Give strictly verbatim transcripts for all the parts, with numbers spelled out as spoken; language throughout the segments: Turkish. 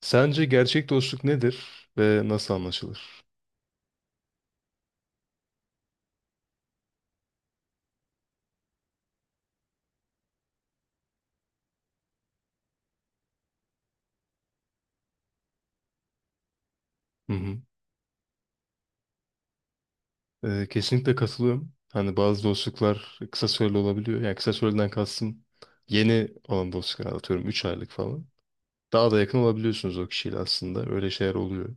Sence gerçek dostluk nedir ve nasıl anlaşılır? Hı hı. Ee, kesinlikle katılıyorum. Hani bazı dostluklar kısa süreli olabiliyor. Yani kısa süreliden kastım yeni olan dostluklar atıyorum üç aylık falan. Daha da yakın olabiliyorsunuz o kişiyle aslında. Öyle şeyler oluyor.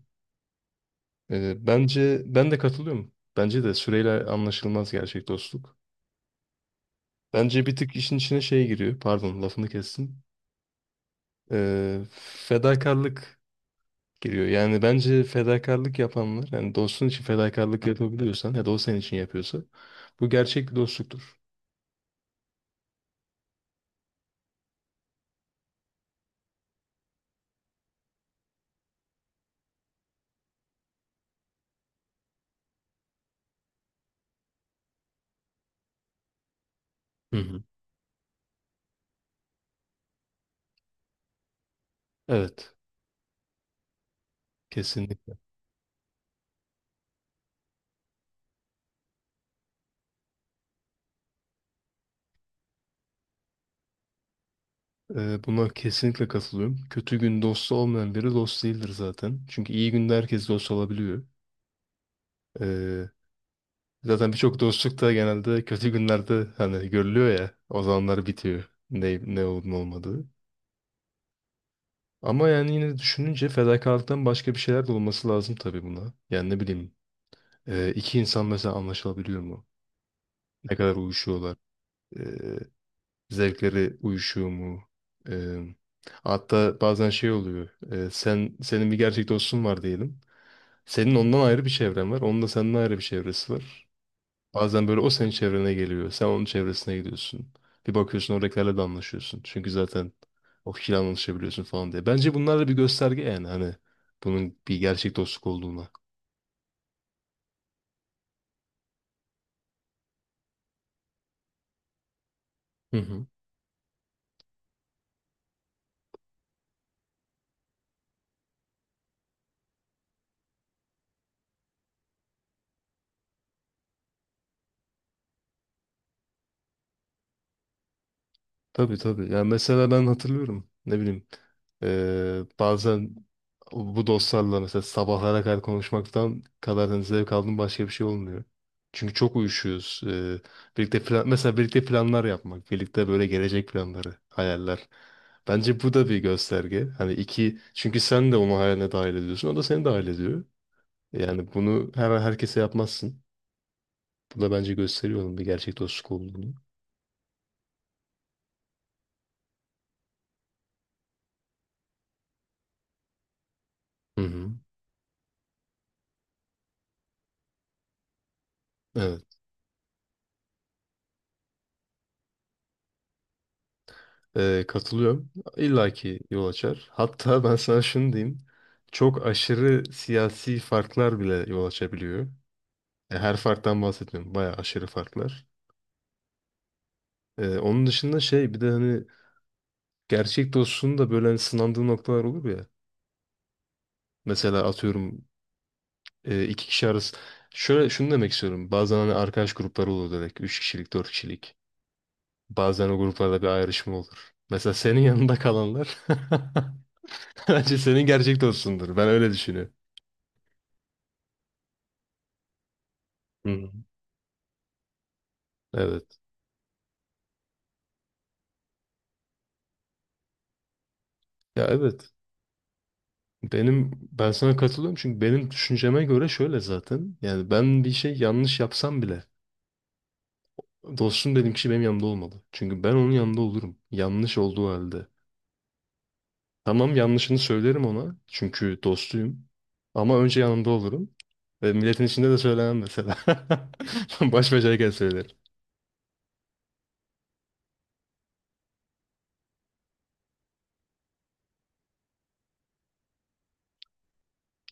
Ee, bence ben de katılıyorum. Bence de süreyle anlaşılmaz gerçek dostluk. Bence bir tık işin içine şey giriyor. Pardon lafını kestim. Ee, Fedakarlık giriyor. Yani bence fedakarlık yapanlar, yani dostun için fedakarlık yapabiliyorsan ya da o senin için yapıyorsa bu gerçek bir dostluktur. Hı hı. Evet, kesinlikle. Ee, buna kesinlikle katılıyorum. Kötü gün dostu olmayan biri dost değildir zaten. Çünkü iyi günde herkes dost olabiliyor. Ee, Zaten birçok dostluk da genelde kötü günlerde hani görülüyor ya. O zamanlar bitiyor. Ne, ne olup ne olmadığı. Ama yani yine düşününce fedakarlıktan başka bir şeyler de olması lazım tabii buna. Yani ne bileyim. Ee, iki insan mesela anlaşılabiliyor mu? Ne kadar uyuşuyorlar? Ee, Zevkleri uyuşuyor mu? Ee, Hatta bazen şey oluyor. Ee, sen senin bir gerçek dostun var diyelim. Senin ondan ayrı bir çevren var. Onun da senden ayrı bir çevresi var. Bazen böyle o senin çevrene geliyor. Sen onun çevresine gidiyorsun. Bir bakıyorsun oradakilerle de anlaşıyorsun. Çünkü zaten o kişiyle anlaşabiliyorsun falan diye. Bence bunlar da bir gösterge yani hani bunun bir gerçek dostluk olduğuna. Hı hı. Tabii tabii. Yani mesela ben hatırlıyorum. Ne bileyim. eee, bazen bu dostlarla mesela sabahlara kadar konuşmaktan kadar hani zevk aldığım başka bir şey olmuyor. Çünkü çok uyuşuyoruz. Eee, birlikte plan, mesela birlikte planlar yapmak. Birlikte böyle gelecek planları, hayaller. Bence bu da bir gösterge. Hani iki, çünkü sen de onu hayaline dahil ediyorsun. O da seni dahil ediyor. Yani bunu hemen herkese yapmazsın. Bu da bence gösteriyor onun bir gerçek dostluk olduğunu. Hı hı. Evet. Ee, katılıyorum. İlla ki yol açar. Hatta ben sana şunu diyeyim. Çok aşırı siyasi farklar bile yol açabiliyor. E, her farktan bahsetmiyorum. Bayağı aşırı farklar. E, onun dışında şey bir de hani gerçek dostluğun da böyle hani sınandığı noktalar olur ya. Mesela atıyorum e, iki kişi arası. Şöyle şunu demek istiyorum. Bazen hani arkadaş grupları olur direkt. Üç kişilik, dört kişilik. Bazen o gruplarda bir ayrışma olur. Mesela senin yanında kalanlar bence senin gerçek dostundur. Ben öyle düşünüyorum. Hı. Evet. Ya, evet. Benim ben sana katılıyorum çünkü benim düşünceme göre şöyle zaten. Yani ben bir şey yanlış yapsam bile dostum dediğim kişi benim yanımda olmalı. Çünkü ben onun yanında olurum. Yanlış olduğu halde. Tamam yanlışını söylerim ona. Çünkü dostuyum. Ama önce yanında olurum. Ve milletin içinde de söylemem mesela. Baş başayken söylerim.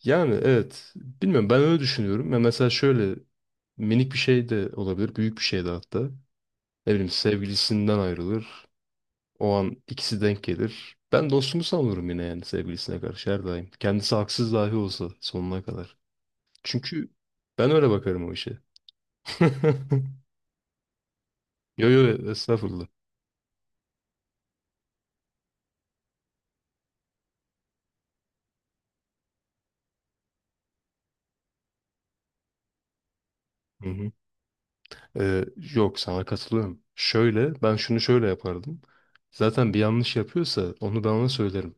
Yani, evet. Bilmiyorum, ben öyle düşünüyorum. Ya mesela şöyle minik bir şey de olabilir. Büyük bir şey de hatta. Ne bileyim, sevgilisinden ayrılır. O an ikisi denk gelir. Ben dostumu savunurum yine yani sevgilisine karşı her daim. Kendisi haksız dahi olsa sonuna kadar. Çünkü ben öyle bakarım o işe. Yo, yo, estağfurullah. Hı hı. Ee, Yok, sana katılıyorum. Şöyle ben şunu şöyle yapardım. Zaten bir yanlış yapıyorsa onu ben ona söylerim.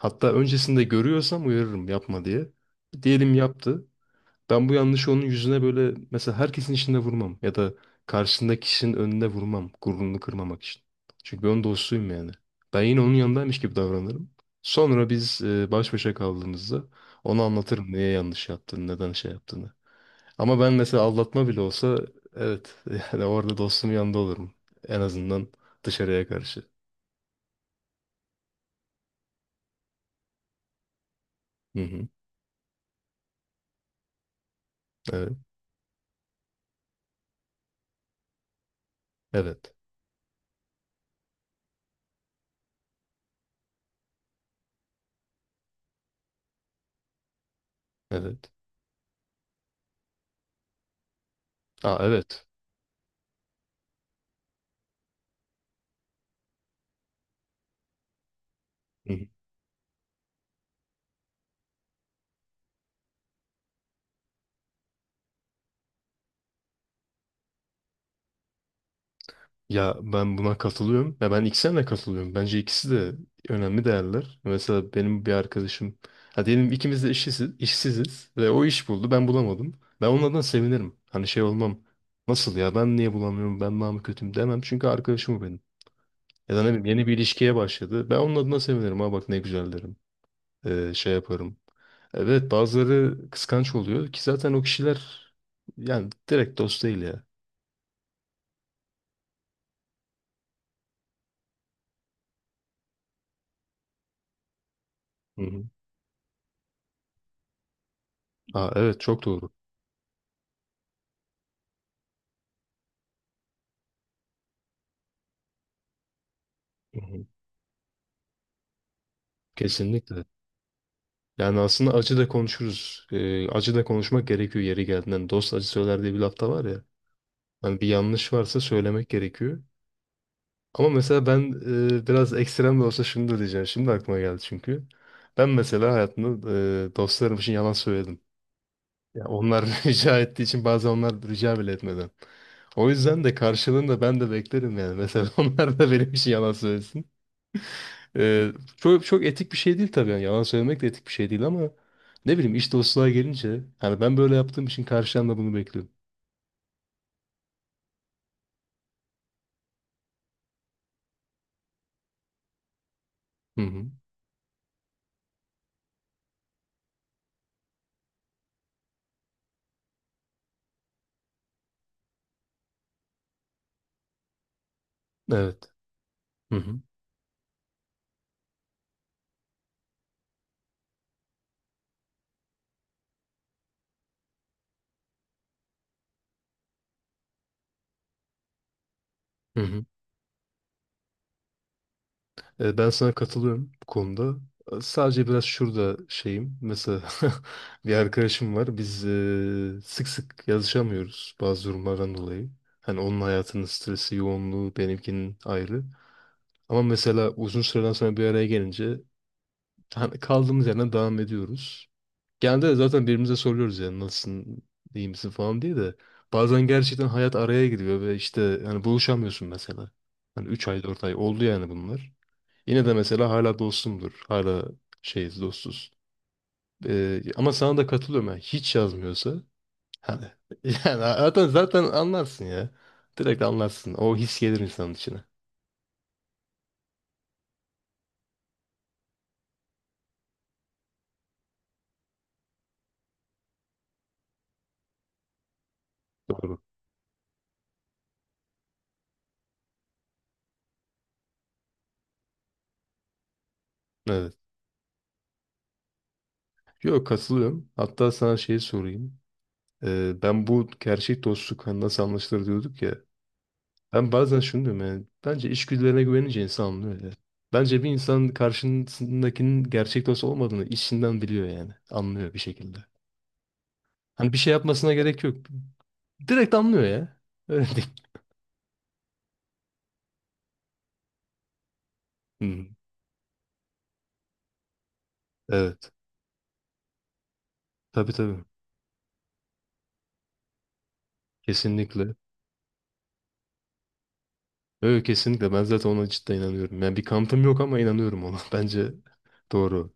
Hatta öncesinde görüyorsam uyarırım yapma diye. Diyelim yaptı. Ben bu yanlışı onun yüzüne böyle mesela herkesin içinde vurmam ya da karşısındaki kişinin önünde vurmam gururunu kırmamak için. Çünkü ben onun dostuyum yani. Ben yine onun yanındaymış gibi davranırım. Sonra biz e, baş başa kaldığımızda ona anlatırım niye yanlış yaptığını, neden şey yaptığını. Ama ben mesela aldatma bile olsa, evet, yani orada dostumun yanında olurum. En azından dışarıya karşı. Hı hı. Evet. Evet. Evet. Aa, evet. Ya, ben buna katılıyorum. Ya ben ikisine de katılıyorum. Bence ikisi de önemli değerler. Mesela benim bir arkadaşım, ha diyelim ikimiz de işsiz, işsiziz ve o iş buldu, ben bulamadım. Ben onun adına sevinirim. Hani şey olmam. Nasıl ya, ben niye bulamıyorum, ben daha mı kötüyüm demem, çünkü arkadaşım o benim. Ya da ne bileyim, yeni bir ilişkiye başladı. Ben onun adına sevinirim. Ha bak, ne güzel derim. Ee, şey yaparım. Evet, bazıları kıskanç oluyor ki zaten o kişiler yani direkt dost değil ya. Hı hı. Aa, evet, çok doğru. Hı hı. Kesinlikle. Yani aslında acı da konuşuruz. Ee, acı da konuşmak gerekiyor yeri geldiğinden. Dost acı söyler diye bir lafta var ya. Hani bir yanlış varsa söylemek gerekiyor. Ama mesela ben e, biraz ekstrem de olsa şunu da diyeceğim. Şimdi aklıma geldi çünkü. Ben mesela hayatımda e, dostlarım için yalan söyledim. Ya onlar rica ettiği için, bazen onlar rica bile etmeden. O yüzden de karşılığında ben de beklerim yani. Mesela onlar da benim için yalan söylesin. Ee, çok, çok etik bir şey değil tabii. Yani yalan söylemek de etik bir şey değil ama ne bileyim, iş dostluğa gelince hani ben böyle yaptığım için karşıdan da bunu bekliyorum. Hı hı. Evet. Hı hı. Hı hı. Ee, ben sana katılıyorum bu konuda. Ee, Sadece biraz şurada şeyim. Mesela bir arkadaşım var. Biz ee, sık sık yazışamıyoruz bazı durumlardan dolayı. Hani onun hayatının stresi, yoğunluğu benimkinin ayrı. Ama mesela uzun süreden sonra bir araya gelince hani kaldığımız yerden devam ediyoruz. Genelde de zaten birbirimize soruyoruz yani nasılsın, iyi misin falan diye de. Bazen gerçekten hayat araya giriyor ve işte hani buluşamıyorsun mesela. Hani üç ay dört ay oldu yani bunlar. Yine de mesela hala dostumdur. Hala şeyiz, dostuz. Ee, ama sana da katılıyorum yani hiç yazmıyorsa hani, yani zaten zaten anlarsın ya. Direkt anlarsın. O his gelir insanın içine. Doğru. Evet. Yok, katılıyorum. Hatta sana şeyi sorayım. Ee, ben bu gerçek dostluk hani nasıl anlaşılır diyorduk ya. Ben bazen şunu diyorum yani. Bence içgüdülerine güvenince insan anlıyor ya. Bence bir insan karşısındakinin gerçek dost olmadığını içinden biliyor yani. Anlıyor bir şekilde. Hani bir şey yapmasına gerek yok. Direkt anlıyor ya. Öyle değil. Hmm, evet. Tabii tabii. Kesinlikle. Evet, kesinlikle. Ben zaten ona cidden inanıyorum. Yani bir kanıtım yok ama inanıyorum ona. Bence doğru.